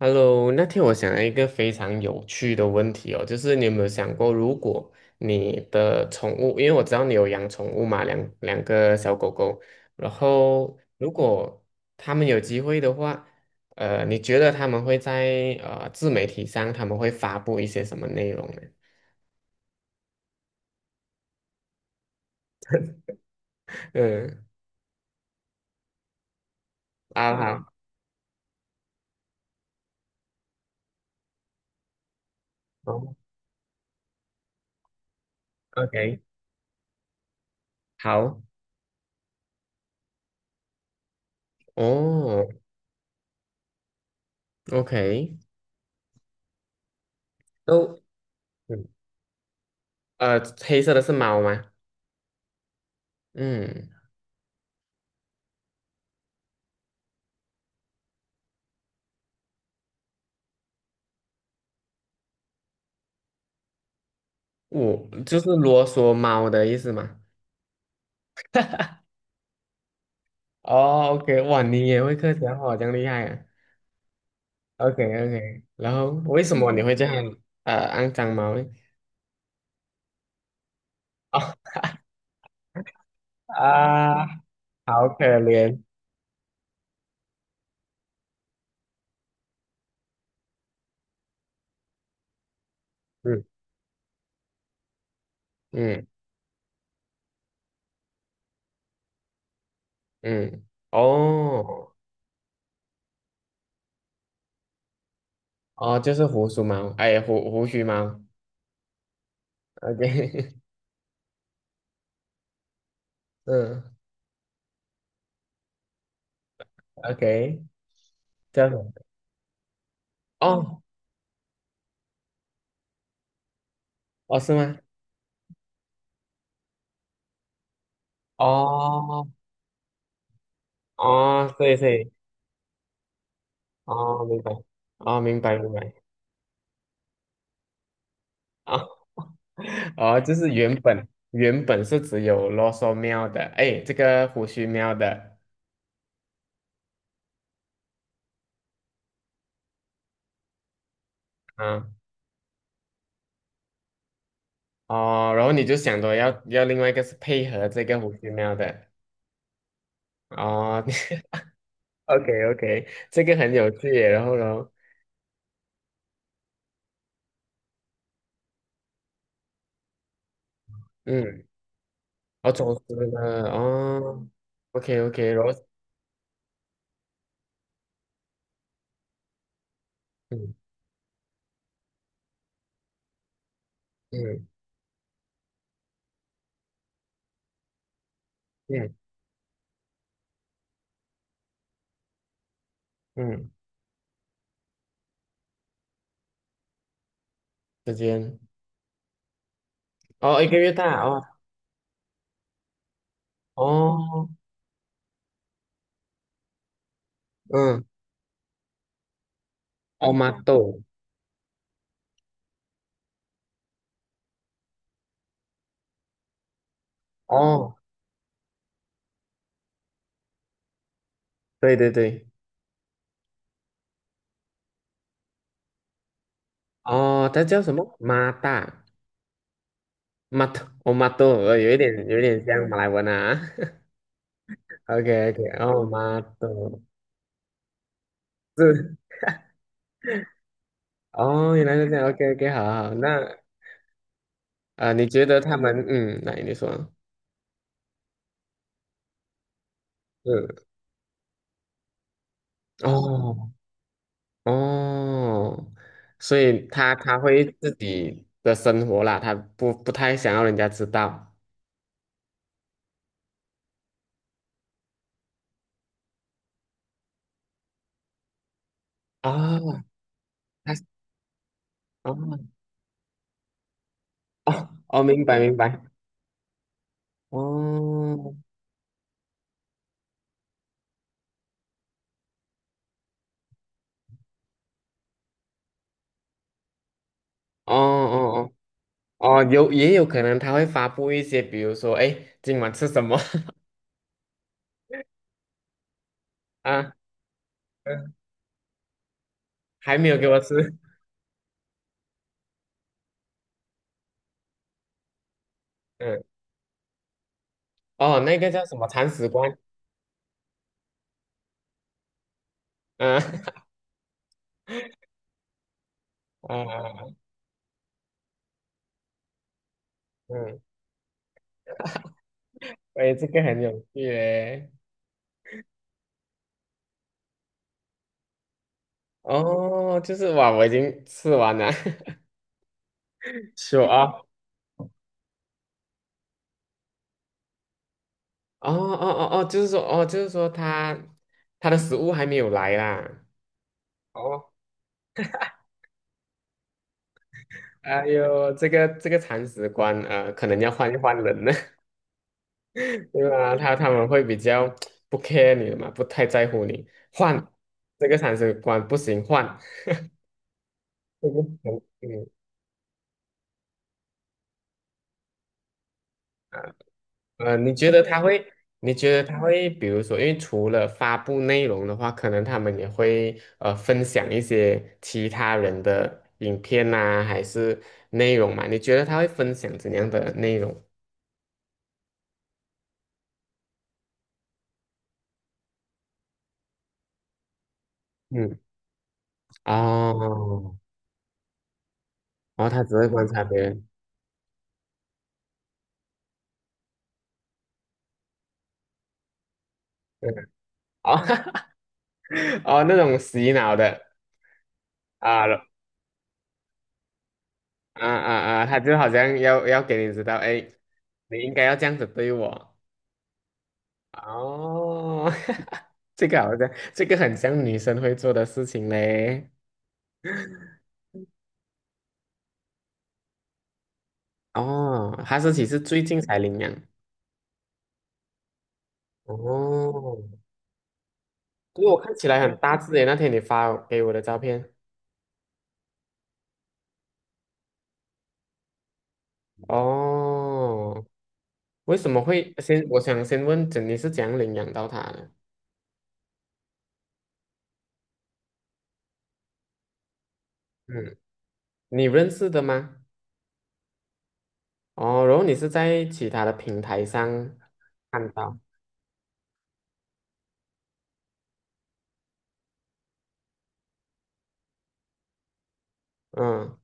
Hello，那天我想了一个非常有趣的问题哦，就是你有没有想过，如果你的宠物，因为我知道你有养宠物嘛，两个小狗狗，然后如果他们有机会的话，你觉得他们会在自媒体上他们会发布一些什么内容呢？嗯，啊好。哦，OK，好。哦，OK。都。嗯，黑色的是猫吗？嗯。我就是啰嗦猫的意思嘛。哦，OK，哇，你也会客家话，这样厉害啊。OK OK，然后为什么你会这样肮脏猫呢？哦。啊，好可怜。嗯嗯嗯。哦哦，就是胡须猫，哎，胡须猫。OK。嗯，OK，这样子。哦哦，是吗？哦哦，对对。哦，明白。哦，明白明白。哦 哦，就是原本是只有啰嗦喵的，哎，这个胡须喵的。嗯。哦，然后你就想着要另外一个是配合这个胡须喵的。哦 ，OK OK，这个很有趣耶，然后呢？嗯。我总之呢。哦，OK OK，然后。嗯嗯嗯嗯。时间。哦，1个月大。哦哦。嗯。哦，妈豆。哦，对对对。哦，它叫什么？妈大。马豆。哦，马豆，有一点，像马来文啊。OK，OK，哦，马豆是。哦，原来是这样。OK，OK，好好。那你觉得他们，嗯，来，你说。嗯。哦。哦，所以他会自己的生活啦，他不太想要人家知道啊。哦。他。哦。哦。哦，明白，明白。哦哦哦哦哦，也有可能他会发布一些，比如说，哎，诶今晚吃什么？啊。嗯，还没有给我吃。嗯。哦，那个叫什么铲屎官。嗯 啊。嗯。哎，这个很有趣诶。哦，就是哇，我已经吃完了。秀啊。哦哦哦哦，就是说，就是说他的食物还没有来啦。哦。哎呦，这个铲屎官，可能要换一换人了。对吧？他们会比较不 care 你的嘛，不太在乎你。换这个铲屎官不行。换这个很嗯。你觉得他会？你觉得他会，比如说，因为除了发布内容的话，可能他们也会分享一些其他人的影片呐、还是内容嘛？你觉得他会分享怎样的内容？嗯。哦，然后他只会观察别人。嗯。哦。哦，那种洗脑的啊啊啊啊，他就好像要给你知道，哎，你应该要这样子对我。哦，这个好像，这个很像女生会做的事情嘞。哦，哈士奇是最近才领养。哦，因为我看起来很大只耶，那天你发给我的照片。哦，为什么会先？我想先问，你是怎样领养到它的？嗯，你认识的吗？哦，然后你是在其他的平台上看到？嗯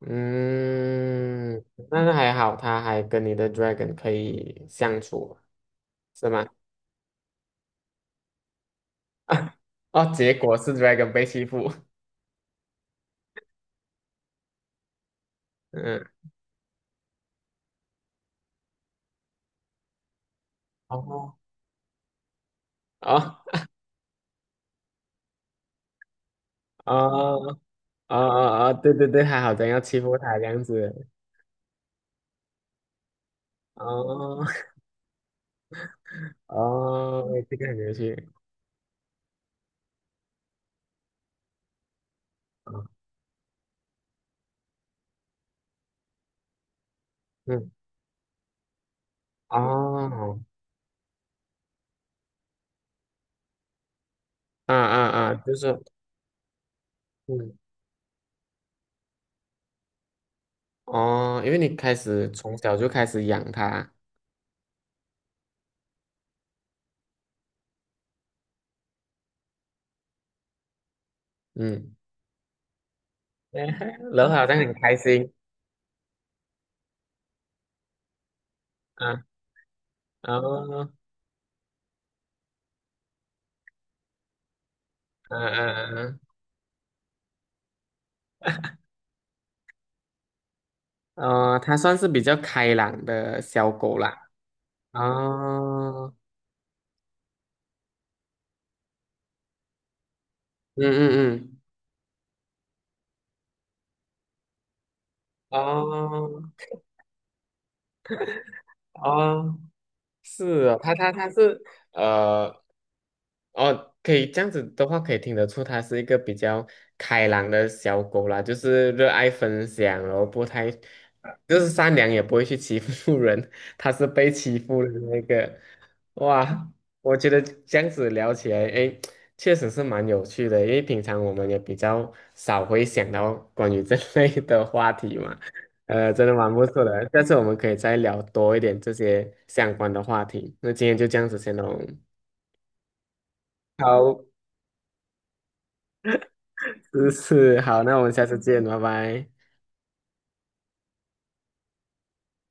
嗯，但是还好，它还跟你的 dragon 可以相处，是吗？啊。哦，结果是 Dragon 被欺负。嗯。哦。哦。哦。哦。哦。哦，对对对，他好像要欺负他这样子。哦。哦，这个很有趣。哦嗯。哦。啊啊啊，就是。嗯。哦，因为你开始从小就开始养它。嗯。哎，然后好像很开心。啊。哦。嗯嗯嗯。哦，它算是比较开朗的小狗啦。哦。嗯嗯嗯。啊啊，是啊，他他他是呃，哦，可以这样子的话，可以听得出它是一个比较开朗的小狗啦，就是热爱分享，然后不太，就是善良，也不会去欺负 人。它是被欺负的那个。哇，我觉得这样子聊起来，哎，确实是蛮有趣的，因为平常我们也比较少会想到关于这类的话题嘛。真的蛮不错的，下次我们可以再聊多一点这些相关的话题。那今天就这样子先喽。好，是是，好，那我们下次见，拜拜。